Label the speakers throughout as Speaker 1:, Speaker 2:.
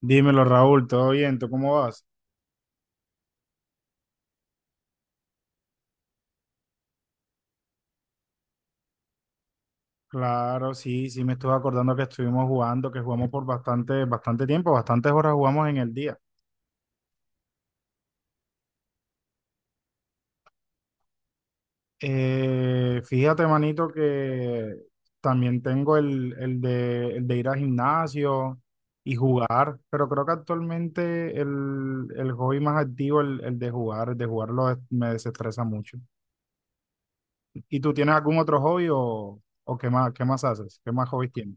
Speaker 1: Dímelo, Raúl, ¿todo bien? ¿Tú cómo vas? Claro, sí, sí, me estuve acordando que estuvimos jugando, que jugamos por bastante tiempo, bastantes horas jugamos en el día. Fíjate, manito, que también tengo el de ir al gimnasio y jugar, pero creo que actualmente el hobby más activo, el de jugarlo es- me desestresa mucho. ¿Y tú tienes algún otro hobby o qué más haces? ¿Qué más hobbies tienes?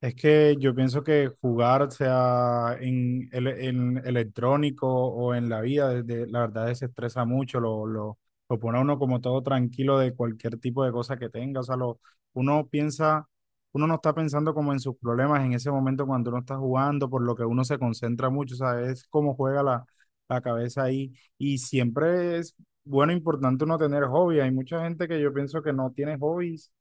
Speaker 1: Es que yo pienso que jugar, sea en, el- en electrónico o en la vida, desde- la verdad se estresa mucho, lo pone a uno como todo tranquilo de cualquier tipo de cosa que tenga. O sea, lo, uno piensa, uno no está pensando como en sus problemas en ese momento cuando uno está jugando, por lo que uno se concentra mucho, o sea, es como juega la cabeza ahí. Y siempre es bueno, importante uno tener hobby. Hay mucha gente que yo pienso que no tiene hobbies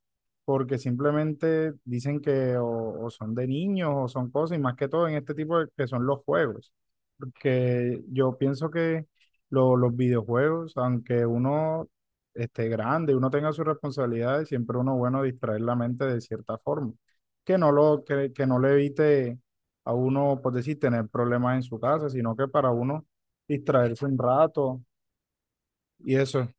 Speaker 1: porque simplemente dicen que o son de niños o son cosas, y más que todo en este tipo de, que son los juegos, porque yo pienso que lo- los videojuegos, aunque uno esté grande, uno tenga sus responsabilidades, siempre uno bueno distraer la mente de cierta forma, que no lo, que no le evite a uno, por decir, tener problemas en su casa, sino que para uno distraerse un rato y eso.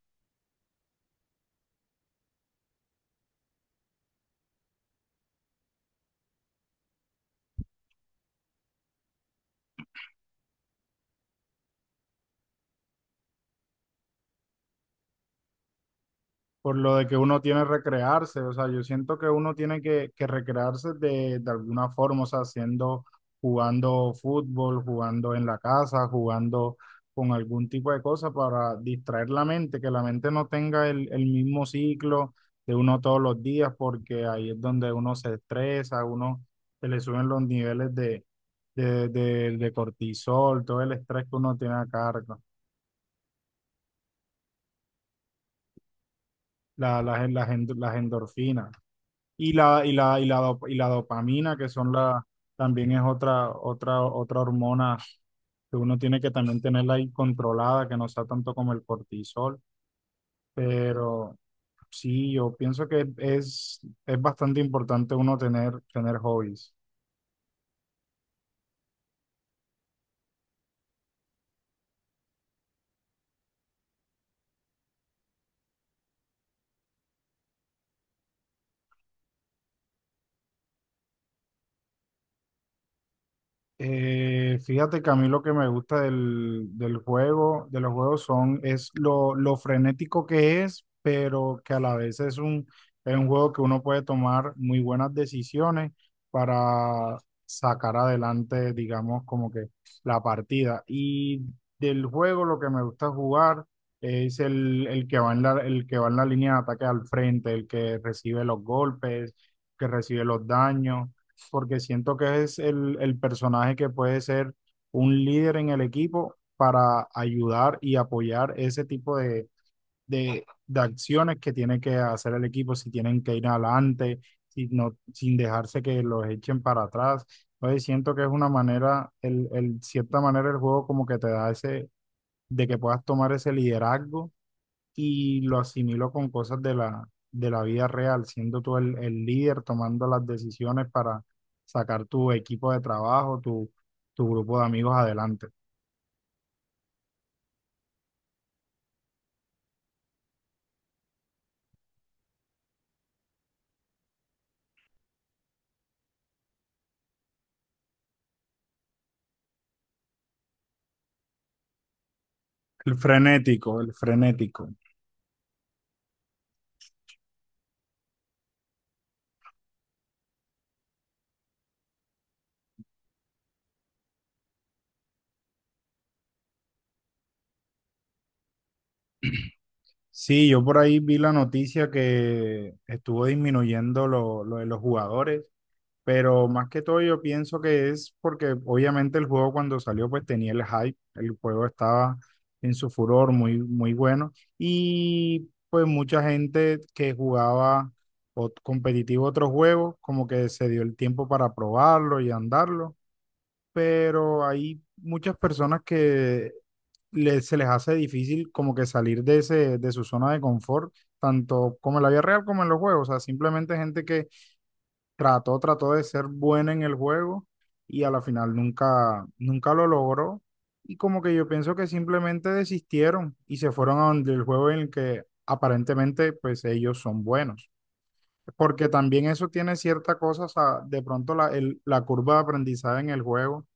Speaker 1: Por lo de que uno tiene que recrearse, o sea, yo siento que uno tiene que recrearse de alguna forma, o sea, haciendo, jugando fútbol, jugando en la casa, jugando con algún tipo de cosa para distraer la mente, que la mente no tenga el mismo ciclo de uno todos los días, porque ahí es donde uno se estresa, a uno se le suben los niveles de cortisol, todo el estrés que uno tiene a cargo, la, las, las, las endorfinas. Y la dopamina, que son la, también es otra hormona que uno tiene que también tenerla ahí controlada, que no sea tanto como el cortisol. Pero sí, yo pienso que es bastante importante uno tener, tener hobbies. Fíjate que a mí lo que me gusta del juego, de los juegos son, es lo frenético que es, pero que a la vez es es un juego que uno puede tomar muy buenas decisiones para sacar adelante, digamos, como que la partida. Y del juego lo que me gusta jugar es el que va en la línea de ataque al frente, el que recibe los golpes, que recibe los daños porque siento que es el personaje que puede ser un líder en el equipo para ayudar y apoyar ese tipo de acciones que tiene que hacer el equipo, si tienen que ir adelante, si no, sin dejarse que los echen para atrás. Entonces siento que es una manera, cierta manera el juego como que te da ese, de que puedas tomar ese liderazgo y lo asimilo con cosas de de la vida real, siendo tú el líder, tomando las decisiones para sacar tu equipo de trabajo, tu grupo de amigos adelante. El frenético, el frenético. Sí, yo por ahí vi la noticia que estuvo disminuyendo lo de los jugadores. Pero más que todo yo pienso que es porque obviamente el juego cuando salió pues tenía el hype, el juego estaba en su furor muy bueno y pues mucha gente que jugaba ot- competitivo otros juegos como que se dio el tiempo para probarlo y andarlo, pero hay muchas personas que le- se les hace difícil como que salir de ese, de su zona de confort, tanto como en la vida real como en los juegos. O sea, simplemente gente que trató de ser buena en el juego y a la final nunca lo logró. Y como que yo pienso que simplemente desistieron y se fueron a donde el juego en el que aparentemente pues ellos son buenos. Porque también eso tiene cierta cosa, o sea, de pronto la, el- la curva de aprendizaje en el juego.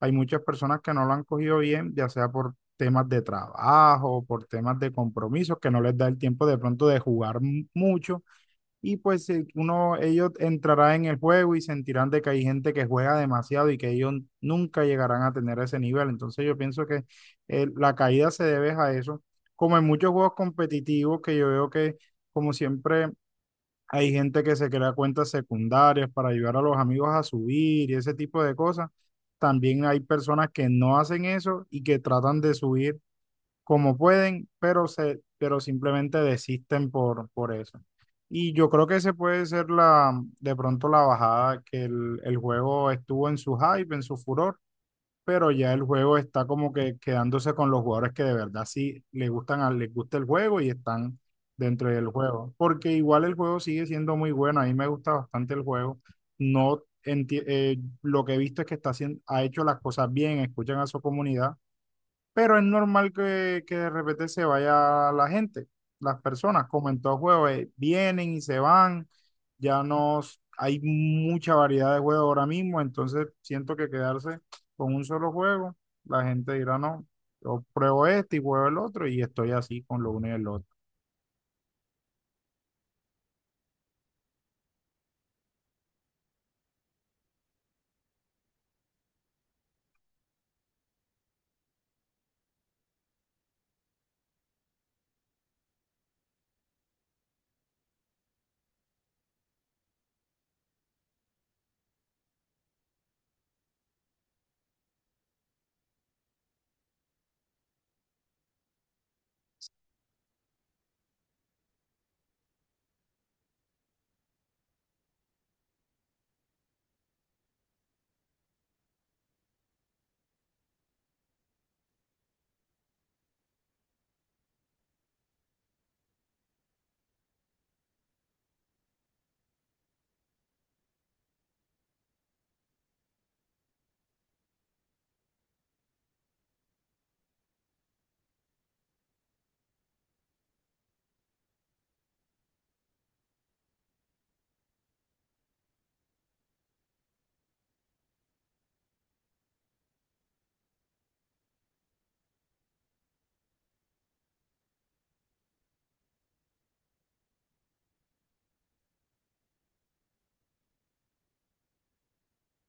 Speaker 1: Hay muchas personas que no lo han cogido bien, ya sea por temas de trabajo, por temas de compromisos, que no les da el tiempo de pronto de jugar m- mucho y pues uno, ellos entrarán en el juego y sentirán de que hay gente que juega demasiado y que ellos nunca llegarán a tener ese nivel. Entonces yo pienso que la caída se debe a eso, como en muchos juegos competitivos que yo veo que como siempre hay gente que se crea cuentas secundarias para ayudar a los amigos a subir y ese tipo de cosas. También hay personas que no hacen eso y que tratan de subir como pueden, pero, se, pero simplemente desisten por eso. Y yo creo que ese puede ser la, de pronto la bajada, que el juego estuvo en su hype, en su furor, pero ya el juego está como que quedándose con los jugadores que de verdad sí le gustan, a- les gusta el juego y están dentro del juego. Porque igual el juego sigue siendo muy bueno, a mí me gusta bastante el juego. No enti- lo que he visto es que está haciendo, ha hecho las cosas bien, escuchan a su comunidad, pero es normal que de repente se vaya la gente, las personas, como en todo juego, vienen y se van, ya no s- hay mucha variedad de juegos ahora mismo, entonces siento que quedarse con un solo juego, la gente dirá no, yo pruebo este y pruebo el otro y estoy así con lo uno y el otro.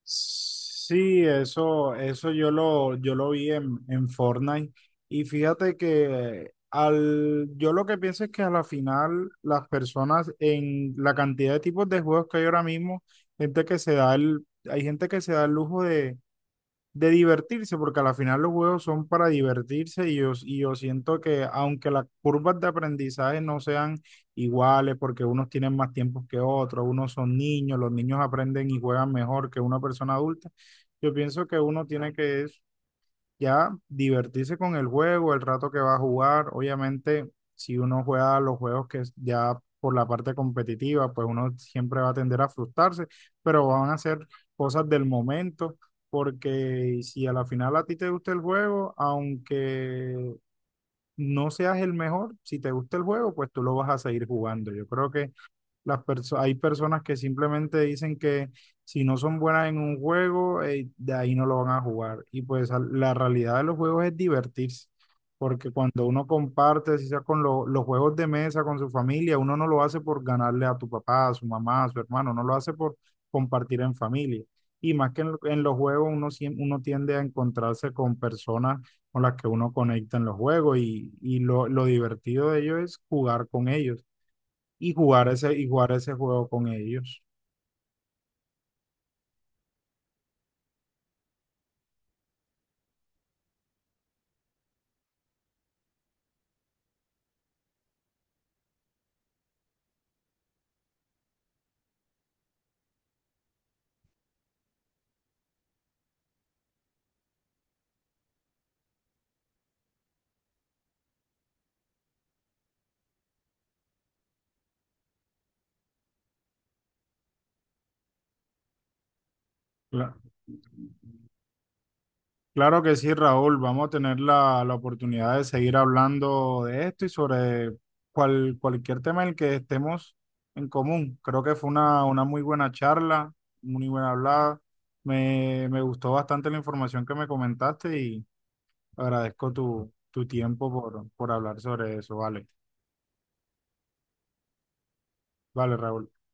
Speaker 1: Sí, eso yo lo vi en Fortnite. Y fíjate que al, yo lo que pienso es que a la final las personas en la cantidad de tipos de juegos que hay ahora mismo, gente que se da el, hay gente que se da el lujo de divertirse, porque a la final los juegos son para divertirse y yo siento que aunque las curvas de aprendizaje no sean iguales, porque unos tienen más tiempos que otros, unos son niños, los niños aprenden y juegan mejor que una persona adulta, yo pienso que uno tiene que ya divertirse con el juego, el rato que va a jugar. Obviamente, si uno juega los juegos que es ya por la parte competitiva, pues uno siempre va a tender a frustrarse, pero van a ser cosas del momento, porque si a la final a ti te gusta el juego, aunque no seas el mejor, si te gusta el juego, pues tú lo vas a seguir jugando. Yo creo que las perso- hay personas que simplemente dicen que si no son buenas en un juego, de ahí no lo van a jugar. Y pues al- la realidad de los juegos es divertirse, porque cuando uno comparte, si sea con lo- los juegos de mesa, con su familia, uno no lo hace por ganarle a tu papá, a su mamá, a su hermano, no lo hace por compartir en familia. Y más que en, lo- en los juegos, uno, siem- uno tiende a encontrarse con personas con las que uno conecta en los juegos y lo divertido de ello es jugar con ellos y jugar ese juego con ellos. Cla- Claro que sí, Raúl. Vamos a tener la oportunidad de seguir hablando de esto y sobre cual- cualquier tema en el que estemos en común. Creo que fue una muy buena charla, muy buena hablada. Me gustó bastante la información que me comentaste y agradezco tu, tu tiempo por hablar sobre eso. Vale, vale, Raúl.